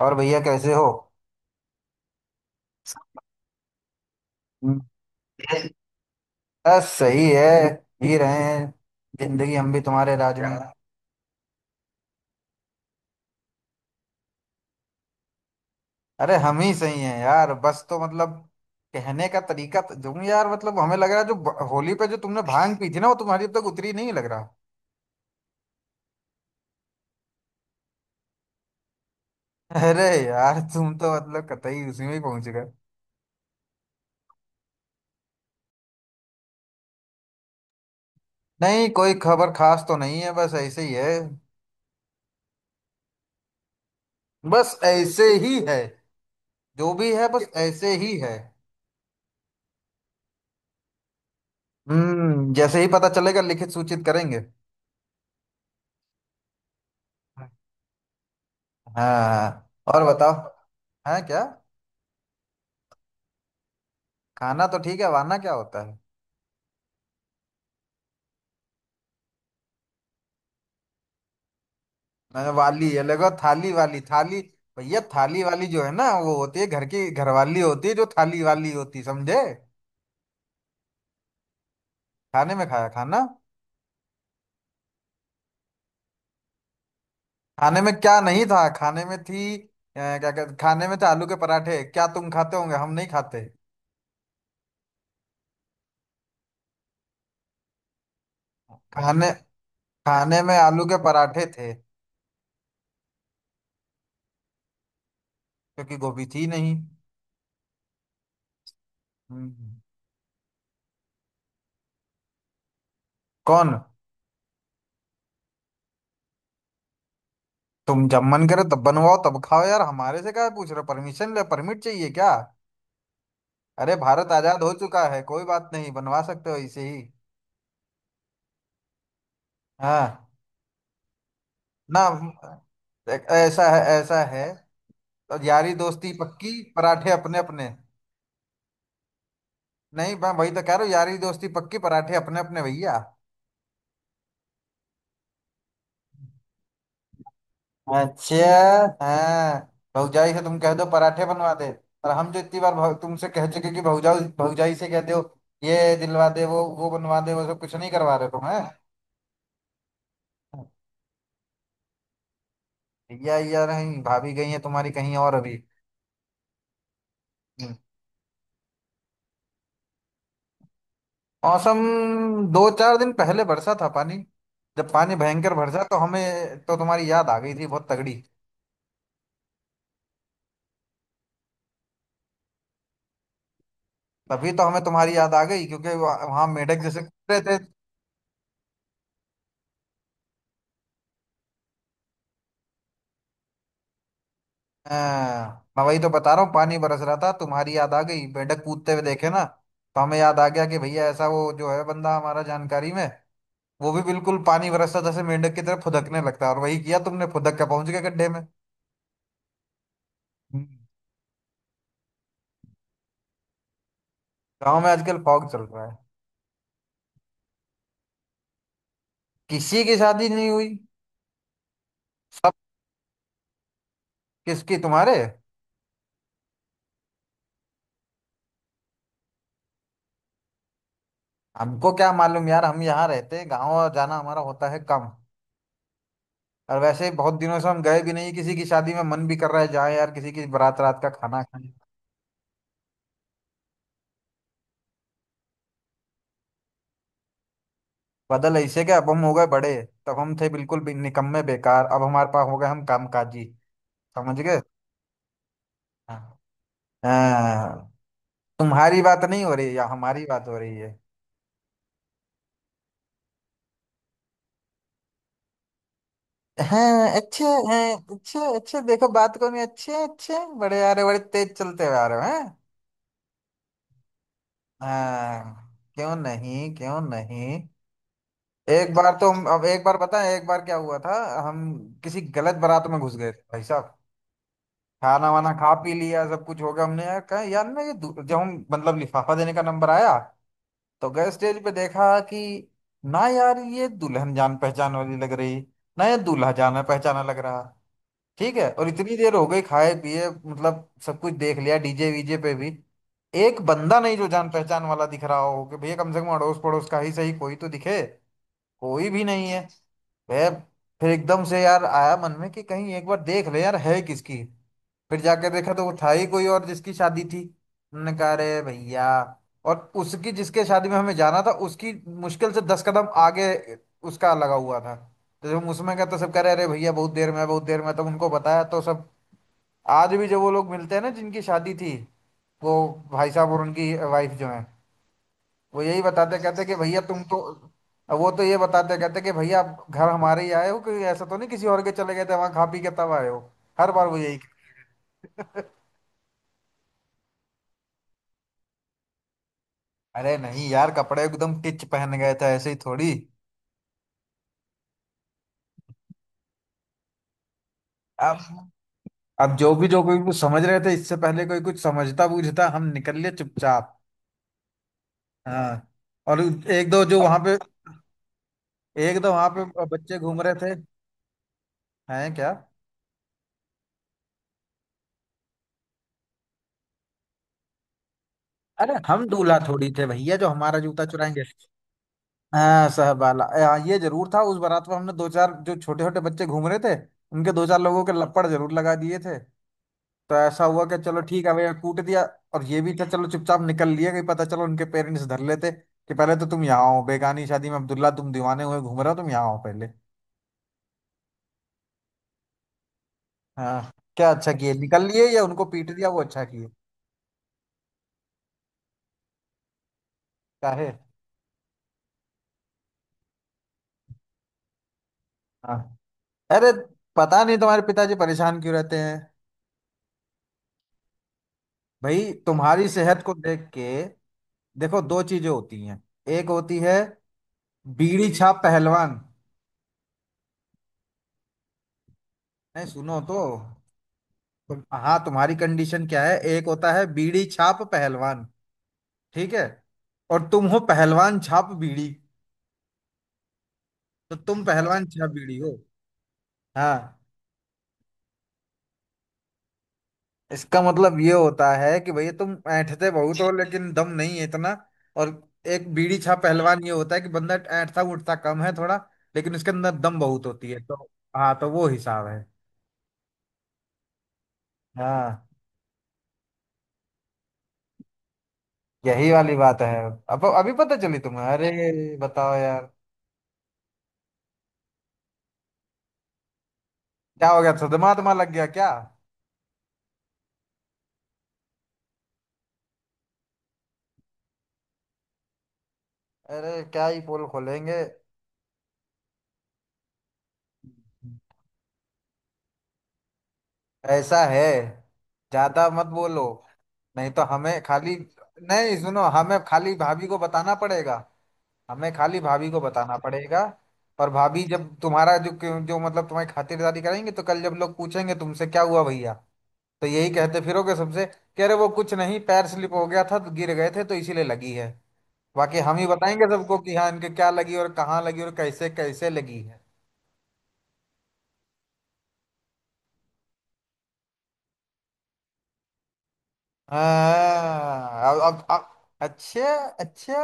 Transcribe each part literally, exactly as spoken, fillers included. और भैया कैसे हो? बस सही है। जी रहे हैं जिंदगी हम भी तुम्हारे राज में। अरे हम ही सही हैं यार बस, तो मतलब कहने का तरीका तो- तुम यार, मतलब हमें लग रहा है जो ब- होली पे जो तुमने भांग पी थी ना, वो तुम्हारी अब तक उतरी नहीं लग रहा। अरे यार तुम तो मतलब कतई उसी में ही पहुंच गए। नहीं कोई खबर खास तो नहीं है, बस ऐसे ही है। बस ऐसे ही है। जो भी है बस ऐसे ही है। हम्म जैसे ही पता चलेगा लिखित सूचित करेंगे। हाँ। और बताओ, है क्या। खाना तो ठीक है, वाना क्या होता है? मैंने वाली है लगा, थाली वाली थाली। भैया थाली वाली जो है ना वो होती है घर की घरवाली, होती है जो थाली वाली होती, समझे। खाने में खाया खाना। खाने में क्या नहीं था, खाने में थी अ, क्या कहते, खाने में थे आलू के पराठे। क्या तुम खाते होंगे, हम नहीं खाते। खाने खाने में आलू के पराठे थे। क्योंकि गोभी थी नहीं। हम्म। कौन? तुम जब मन करे तब बनवाओ तब खाओ यार, हमारे से क्या पूछ रहे हो? परमिशन ले, परमिट चाहिए क्या? अरे भारत आजाद हो चुका है, कोई बात नहीं बनवा सकते हो इसे ही। हाँ। ना। एक- ऐसा है ऐसा है। तो यारी दोस्ती पक्की, पराठे अपने अपने। नहीं मैं वही तो कह रहा हूँ, यारी दोस्ती पक्की पराठे अपने अपने, भैया। अच्छा। हाँ। भौजाई से तुम कह दो पराठे बनवा दे। और हम जो इतनी बार भौ- तुमसे कह चुके कि भौजाऊ भौजाई से कह दो, ये दिलवा दे, वो वो बनवा दे, वो सब कुछ नहीं करवा रहे तुम है। भैया या नहीं, भाभी गई है तुम्हारी कहीं और अभी? मौसम, दो चार दिन पहले बरसा था पानी। जब पानी भयंकर बरसा तो हमें तो तुम्हारी याद आ गई थी बहुत तगड़ी। तभी तो हमें तुम्हारी याद आ गई क्योंकि वहाँ वहाँ मेढक जैसे कूद रहे थे। हाँ, मैं वही तो बता रहा हूँ, पानी बरस रहा था तुम्हारी याद आ गई, मेढक कूदते हुए देखे ना। तो हमें याद आ गया कि भैया ऐसा, वो जो है बंदा हमारा जानकारी में, वो भी बिल्कुल पानी बरसता जैसे मेंढक की तरह फुदकने लगता है, और वही किया तुमने, फुदक के पहुंच गए गड्ढे में। हम्म। गाँव में आजकल फॉग चल रहा है। किसी की शादी नहीं हुई। सब। किसकी, तुम्हारे? हमको क्या मालूम यार, हम यहाँ रहते हैं, गाँव जाना हमारा होता है कम। और वैसे ही बहुत दिनों से हम गए भी नहीं किसी की शादी में, मन भी कर रहा है जाए यार, किसी की बारात, रात का खाना खाएं। बदल ऐसे क्या, अब हम हो गए बड़े। तब हम थे बिल्कुल भी निकम्मे बेकार, अब हमारे पास हो गए, हम कामकाजी। समझ गए। हाँ। हाँ, तुम्हारी बात नहीं हो रही या हमारी बात हो रही है? हाँ अच्छे। हैं अच्छे अच्छे, देखो बात को, नहीं अच्छे अच्छे बड़े आ रहे, बड़े तेज चलते हुए आ रहे हो हैं। हाँ, क्यों नहीं क्यों नहीं। एक बार तो हम, अब एक बार बताएं एक बार क्या हुआ था। हम किसी गलत बारात में घुस गए थे भाई साहब। खाना वाना खा पी लिया सब कुछ हो गया, हमने यार कहा यार, ना ये दू- जब हम मतलब लिफाफा देने का नंबर आया, तो गए स्टेज पे देखा कि ना यार ये दुल्हन जान पहचान वाली लग रही, ना ये दूल्हा जाना पहचाना लग रहा। ठीक है, और इतनी देर हो गई खाए पिए, मतलब सब कुछ देख लिया डीजे वीजे पे भी, एक बंदा नहीं जो जान पहचान वाला दिख रहा हो कि भैया कम से कम अड़ोस पड़ोस का ही सही कोई तो दिखे। कोई भी नहीं है। मैं, फिर एकदम से यार आया मन में कि कहीं एक बार देख ले यार है किसकी। फिर जाके देखा तो वो था ही कोई और जिसकी शादी थी। हमने कहा अरे भैया, और उसकी जिसके शादी में हमें जाना था, उसकी मुश्किल से दस कदम आगे उसका लगा हुआ था। तो जब हम उसमें गए तो सब कह रहे अरे भैया बहुत देर में है, बहुत देर में है। तब उनको बताया तो सब, आज भी जो वो लोग मिलते हैं ना जिनकी शादी थी, वो भाई साहब और उनकी वाइफ जो है, वो यही बताते कहते कि भैया तुम तो, वो तो ये बताते कहते कि भैया आप घर हमारे ही आए हो कि ऐसा तो नहीं किसी और के चले गए थे वहां खा पी के तब आए हो। हर बार वो यही। अरे नहीं यार, कपड़े एकदम टिच पहन गए थे, ऐसे ही थोड़ी। अब, अब जो भी जो कोई कुछ समझ रहे थे, इससे पहले कोई कुछ समझता बूझता हम निकल लिए चुपचाप। हाँ। और एक दो जो वहां पे, एक दो वहां पे बच्चे घूम रहे थे। हैं क्या? अरे हम दूल्हा थोड़ी थे भैया जो हमारा जूता चुराएंगे। हाँ सहबाला, हाँ, ये जरूर था। उस बारात में हमने दो चार जो छोटे छोटे बच्चे घूम रहे थे उनके, दो चार लोगों के लपड़ जरूर लगा दिए थे। तो ऐसा हुआ कि चलो ठीक है भैया कूट दिया। और ये भी था चलो चुपचाप निकल लिए, कहीं पता चलो उनके पेरेंट्स धर लेते कि पहले तो तुम यहाँ आओ, बेगानी शादी में अब्दुल्ला तुम दीवाने हुए घूम रहे हो, तुम यहाँ आओ पहले। हाँ। क्या अच्छा किए, निकल लिए या उनको पीट दिया वो अच्छा किए? काहे। हाँ। अरे, पता नहीं तुम्हारे पिताजी परेशान क्यों रहते हैं, भाई तुम्हारी सेहत को देख के। देखो दो चीजें होती हैं। एक होती है बीड़ी छाप पहलवान। नहीं सुनो तो। तुम, हाँ, तुम्हारी कंडीशन क्या है। एक होता है बीड़ी छाप पहलवान, ठीक है, और तुम हो पहलवान छाप बीड़ी। तो तुम पहलवान छाप बीड़ी हो। हाँ। इसका मतलब ये होता है कि भैया तुम ऐंठते बहुत हो लेकिन दम नहीं है इतना। और एक बीड़ी छा पहलवान ये होता है कि बंदा ऐंठता उठता कम है थोड़ा, लेकिन उसके अंदर दम बहुत होती है, तो हाँ तो वो हिसाब है। हाँ। यही वाली बात है। अब अभी पता चली तुम्हें, अरे बताओ यार। क्या हो गया, सदमा वदमा लग गया क्या? अरे क्या ही पोल खोलेंगे। ऐसा है, ज्यादा मत बोलो। नहीं तो हमें खाली, नहीं सुनो, हमें खाली भाभी को बताना पड़ेगा। हमें खाली भाभी को बताना पड़ेगा। और भाभी जब तुम्हारा जो, जो मतलब तुम्हारी खातिरदारी करेंगे तो कल जब लोग पूछेंगे तुमसे क्या हुआ भैया, तो यही कहते फिरोगे सबसे, कह रहे वो कुछ नहीं पैर स्लिप हो गया था तो गिर गए थे तो इसीलिए लगी है। बाकी हम ही बताएंगे सबको कि हाँ, इनके क्या लगी और कहाँ लगी और कैसे कैसे लगी है। हाँ। अब अब अब- अच्छा। अच्छा।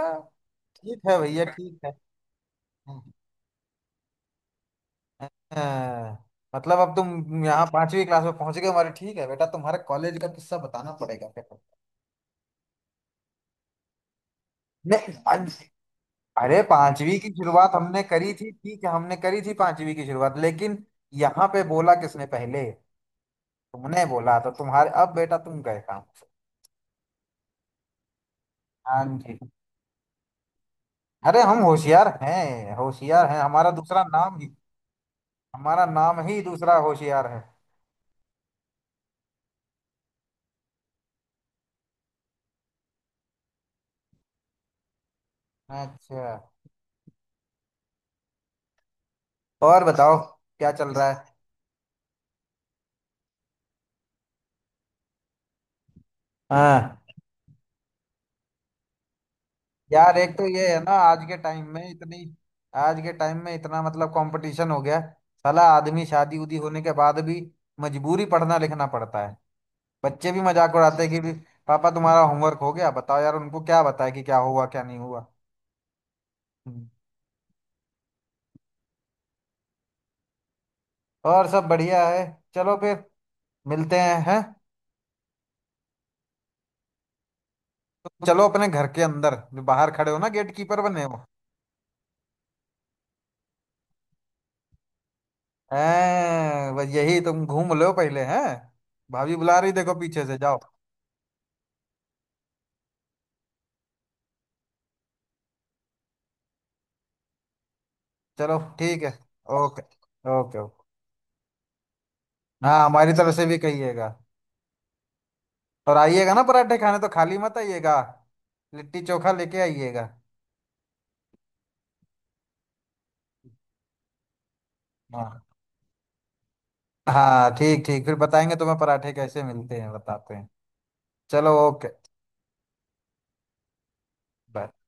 ठीक है भैया ठीक है। हाँ, मतलब अब तुम यहाँ पांचवी क्लास में पहुंच गए हमारे, ठीक है बेटा तुम्हारे कॉलेज का किस्सा बताना पड़ेगा फिर। नहीं, पंच अरे पांचवी की शुरुआत हमने करी थी, ठीक है हमने करी थी पांचवी की शुरुआत, लेकिन यहाँ पे बोला किसने पहले, तुमने बोला, तो तुम्हारे अब बेटा तुम गए काम। हाँ जी। अरे हम होशियार हैं, होशियार हैं, हमारा दूसरा नाम ही, हमारा नाम ही दूसरा होशियार है। अच्छा। और बताओ क्या चल रहा है। हाँ। यार एक तो ये है ना आज के टाइम में इतनी, आज के टाइम में इतना मतलब कंपटीशन हो गया है, साला आदमी शादी उदी होने के बाद भी मजबूरी पढ़ना लिखना पड़ता है। बच्चे भी मजाक उड़ाते हैं कि भी, पापा तुम्हारा होमवर्क हो गया, बताओ यार उनको क्या बताए कि क्या हुआ क्या नहीं हुआ। हम्म। और सब बढ़िया है। चलो फिर, मिलते हैं हैं। चलो अपने घर के अंदर, जो बाहर खड़े हो ना गेट कीपर बने हो। हैं बस यही, तुम घूम लो पहले हैं। भाभी बुला रही, देखो पीछे से जाओ। चलो ठीक है। Okay okay okay. हाँ हमारी तरफ से भी कहिएगा। और आइएगा ना पराठे खाने, तो खाली मत आइएगा। लिट्टी चोखा लेके आइएगा। हाँ हाँ, ठीक ठीक, फिर बताएंगे तुम्हें पराठे कैसे मिलते हैं बताते हैं। चलो ओके। बाय।